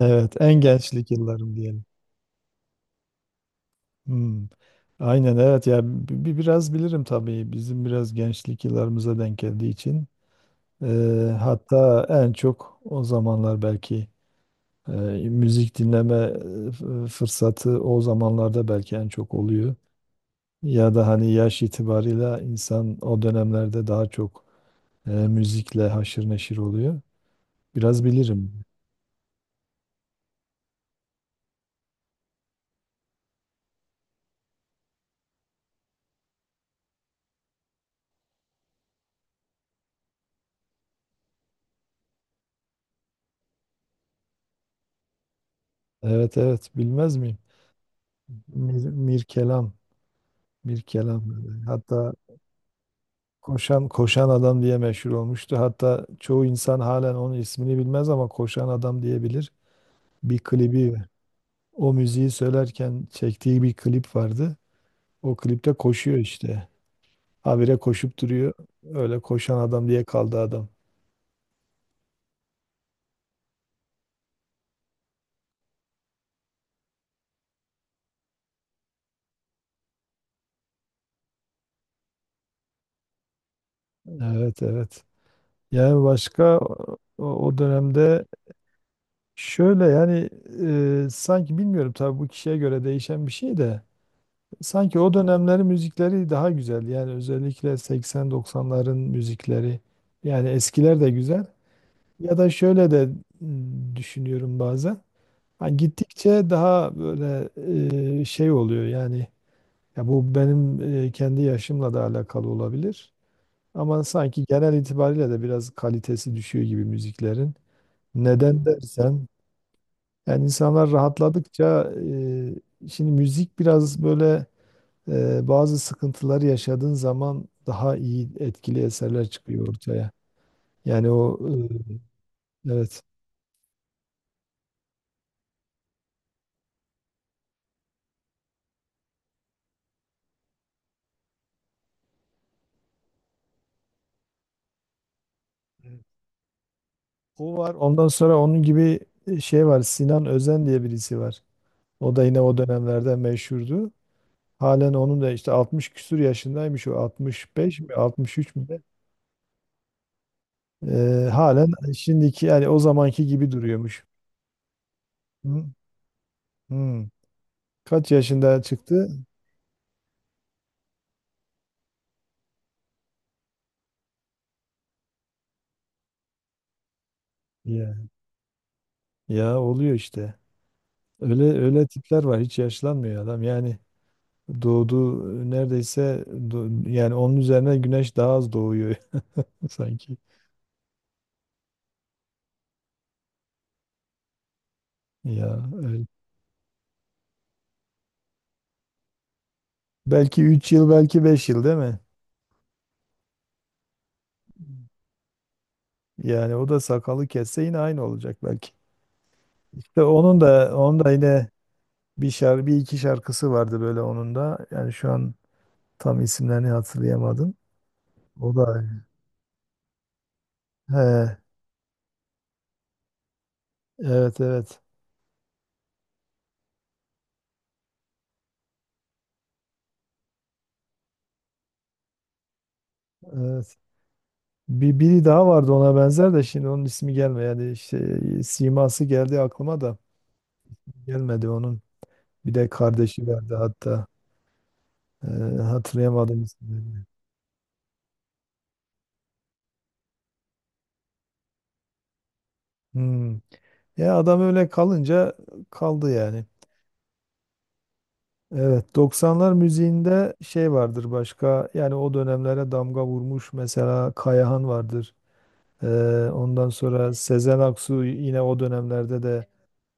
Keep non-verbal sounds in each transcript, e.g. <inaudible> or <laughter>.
Evet, en gençlik yıllarım diyelim. Hmm. Aynen, evet ya, biraz bilirim tabii bizim biraz gençlik yıllarımıza denk geldiği için. Hatta en çok o zamanlar belki e, müzik dinleme fırsatı o zamanlarda belki en çok oluyor. Ya da hani yaş itibarıyla insan o dönemlerde daha çok müzikle haşır neşir oluyor. Biraz bilirim. Evet, evet, bilmez miyim? Mir Kelam, Mir Kelam. Hatta koşan adam diye meşhur olmuştu. Hatta çoğu insan halen onun ismini bilmez ama koşan adam diyebilir. Bir klibi, O müziği söylerken çektiği bir klip vardı. O klipte koşuyor işte. Habire koşup duruyor. Öyle koşan adam diye kaldı adam. Evet, evet. Yani başka o dönemde, şöyle yani, sanki bilmiyorum tabii, bu kişiye göre değişen bir şey de. Sanki o dönemlerin müzikleri daha güzel. Yani özellikle 80-90'ların müzikleri. Yani eskiler de güzel. Ya da şöyle de düşünüyorum bazen. Ha, gittikçe daha böyle şey oluyor yani. Ya bu benim kendi yaşımla da alakalı olabilir. Ama sanki genel itibariyle de biraz kalitesi düşüyor gibi müziklerin. Neden dersen, yani insanlar rahatladıkça, şimdi müzik biraz böyle, bazı sıkıntıları yaşadığın zaman daha iyi, etkili eserler çıkıyor ortaya. Yani o, evet, o var. Ondan sonra onun gibi şey var. Sinan Özen diye birisi var. O da yine o dönemlerde meşhurdu. Halen onun da işte 60 küsur yaşındaymış. O 65 mi, 63 mü, ne? E, halen şimdiki yani o zamanki gibi duruyormuş. Hı, hı. Kaç yaşında çıktı? Ya, ya oluyor işte. Öyle öyle tipler var. Hiç yaşlanmıyor adam. Yani doğduğu neredeyse yani onun üzerine güneş daha az doğuyor <laughs> sanki. Ya öyle. Belki 3 yıl, belki 5 yıl, değil mi? Yani o da sakalı kesse yine aynı olacak belki. İşte onun da yine, bir iki şarkısı vardı böyle onun da. Yani şu an tam isimlerini hatırlayamadım. O da he, evet, evet. Evet. Biri daha vardı ona benzer de, şimdi onun ismi gelmiyor. Yani işte, siması geldi aklıma da gelmedi onun. Bir de kardeşi vardı hatta. Ee, Hatırlayamadım ismini. Hmm. Ya adam öyle kalınca kaldı yani. Evet, 90'lar müziğinde şey vardır başka, yani o dönemlere damga vurmuş mesela, Kayahan vardır. Ee, Ondan sonra Sezen Aksu yine o dönemlerde de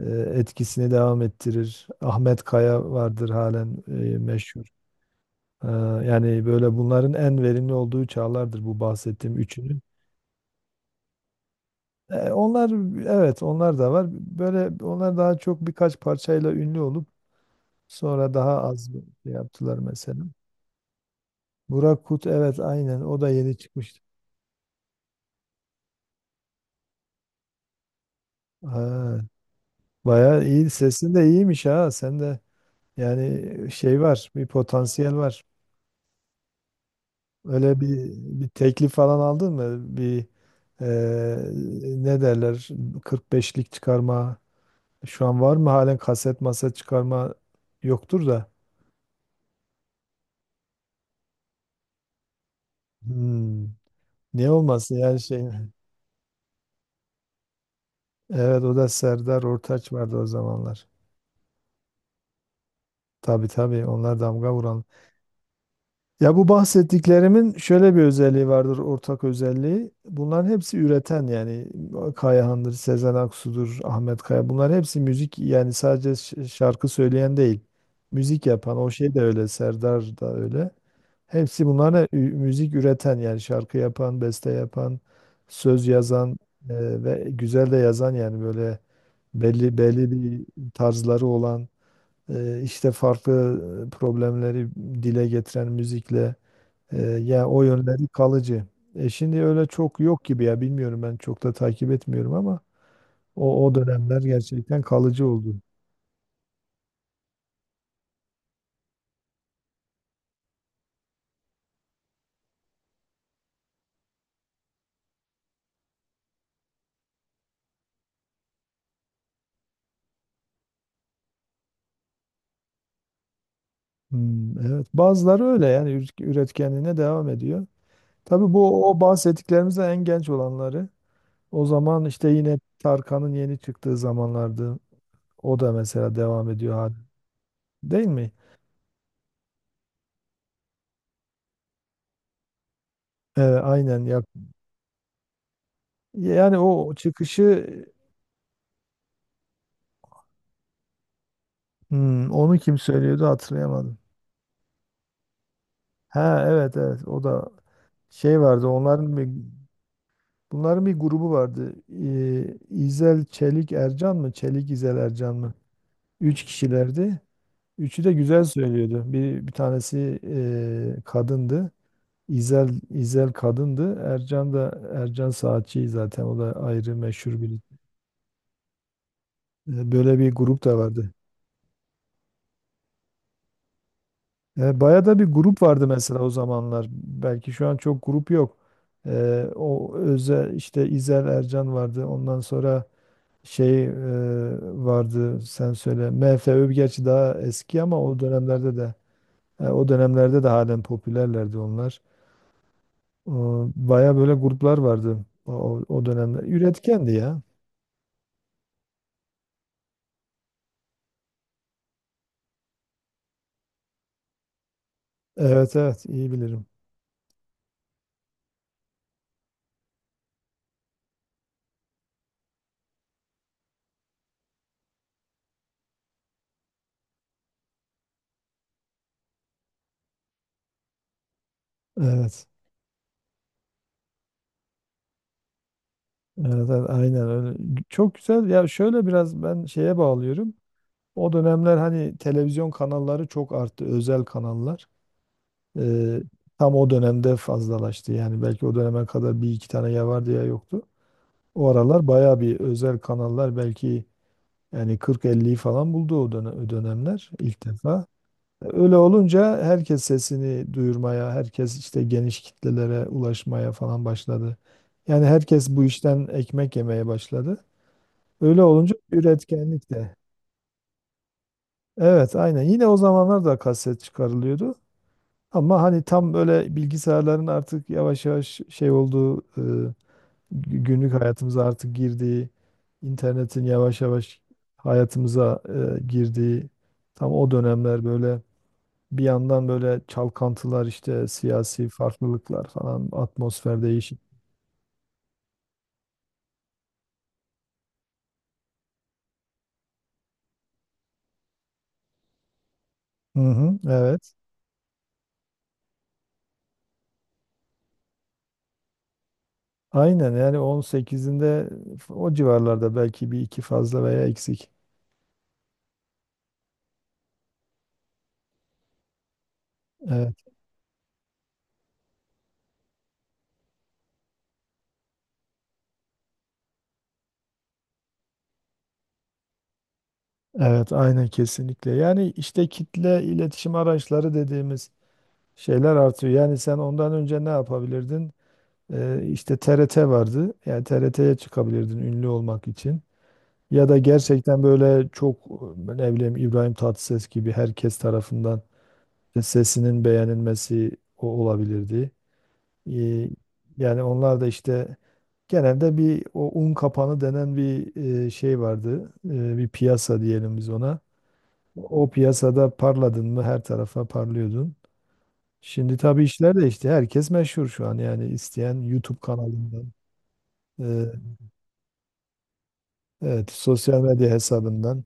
e, etkisini devam ettirir. Ahmet Kaya vardır halen meşhur. Ee, Yani böyle, bunların en verimli olduğu çağlardır bu bahsettiğim üçünün. Onlar, evet, onlar da var. Böyle onlar daha çok birkaç parçayla ünlü olup sonra daha az şey yaptılar mesela. Burak Kut, evet, aynen o da yeni çıkmıştı. Ha, bayağı iyi, sesin de iyiymiş ha, sen de yani şey var, bir potansiyel var. Öyle bir teklif falan aldın mı? Bir ne derler, 45'lik çıkarma, şu an var mı halen, kaset masa çıkarma yoktur da. Hmm. Niye olmasın yani şey. Evet, o da Serdar Ortaç vardı o zamanlar. Tabii, tabii, onlar damga vuran. Ya bu bahsettiklerimin şöyle bir özelliği vardır, ortak özelliği. Bunların hepsi üreten yani, Kayahan'dır, Sezen Aksu'dur, Ahmet Kaya. Bunlar hepsi müzik, yani sadece şarkı söyleyen değil. Müzik yapan, o şey de öyle, Serdar da öyle. Hepsi bunlar ne? Müzik üreten, yani şarkı yapan, beste yapan, söz yazan, ve güzel de yazan, yani böyle belli belli bir tarzları olan, işte farklı problemleri dile getiren müzikle, yani o yönleri kalıcı. E şimdi öyle çok yok gibi ya, bilmiyorum, ben çok da takip etmiyorum, ama o dönemler gerçekten kalıcı oldu. Hmm, evet bazıları öyle yani, üretkenliğine devam ediyor. Tabii bu o bahsettiklerimizden en genç olanları. O zaman işte yine Tarkan'ın yeni çıktığı zamanlardı. O da mesela devam ediyor değil mi? Aynen ya. Yani o çıkışı. Hmm, onu kim söylüyordu hatırlayamadım. Ha, evet, evet, o da şey vardı, onların bir, bunların bir grubu vardı. İzel Çelik Ercan mı, Çelik İzel Ercan mı? Üç kişilerdi. Üçü de güzel söylüyordu. Bir tanesi kadındı. İzel kadındı. Ercan da, Ercan Saatçi zaten, o da ayrı meşhur bir. E, böyle bir grup da vardı. E, bayağı da bir grup vardı mesela o zamanlar. Belki şu an çok grup yok. E, o özel işte, İzel Ercan vardı. Ondan sonra şey vardı, sen söyle. MFÖ gerçi daha eski ama o dönemlerde de halen popülerlerdi onlar. E, bayağı böyle gruplar vardı o dönemler. Üretkendi ya. Evet, evet, iyi bilirim. Evet. Evet, evet, aynen öyle. Çok güzel. Ya şöyle biraz ben şeye bağlıyorum. O dönemler hani televizyon kanalları çok arttı. Özel kanallar. Ee, Tam o dönemde fazlalaştı. Yani belki o döneme kadar bir iki tane ya vardı ya yoktu. O aralar bayağı bir özel kanallar, belki yani 40-50'yi falan buldu o dönem, o dönemler, ilk defa. Öyle olunca herkes sesini duyurmaya, herkes işte geniş kitlelere ulaşmaya falan başladı. Yani herkes bu işten ekmek yemeye başladı. Öyle olunca üretkenlik de. Evet, aynen. Yine o zamanlar da kaset çıkarılıyordu. Ama hani tam böyle bilgisayarların artık yavaş yavaş şey olduğu, günlük hayatımıza artık girdiği, internetin yavaş yavaş hayatımıza girdiği tam o dönemler böyle. Bir yandan böyle çalkantılar, işte siyasi farklılıklar falan, atmosfer değişik. Hı hı, evet. Aynen yani 18'inde o civarlarda, belki bir iki fazla veya eksik. Evet, evet, aynen, kesinlikle. Yani işte kitle iletişim araçları dediğimiz şeyler artıyor. Yani sen ondan önce ne yapabilirdin? İşte TRT vardı. Yani TRT'ye çıkabilirdin ünlü olmak için. Ya da gerçekten böyle çok ne bileyim, İbrahim Tatlıses gibi herkes tarafından İşte sesinin beğenilmesi o olabilirdi. Ee, Yani onlar da işte genelde bir o un kapanı denen bir şey vardı. Bir piyasa diyelim biz ona. O piyasada parladın mı her tarafa parlıyordun. Şimdi tabii işler değişti. Herkes meşhur şu an, yani isteyen YouTube kanalından, e, evet, sosyal medya hesabından.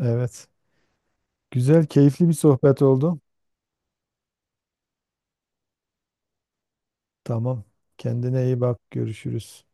Evet. Güzel, keyifli bir sohbet oldu. Tamam. Kendine iyi bak. Görüşürüz.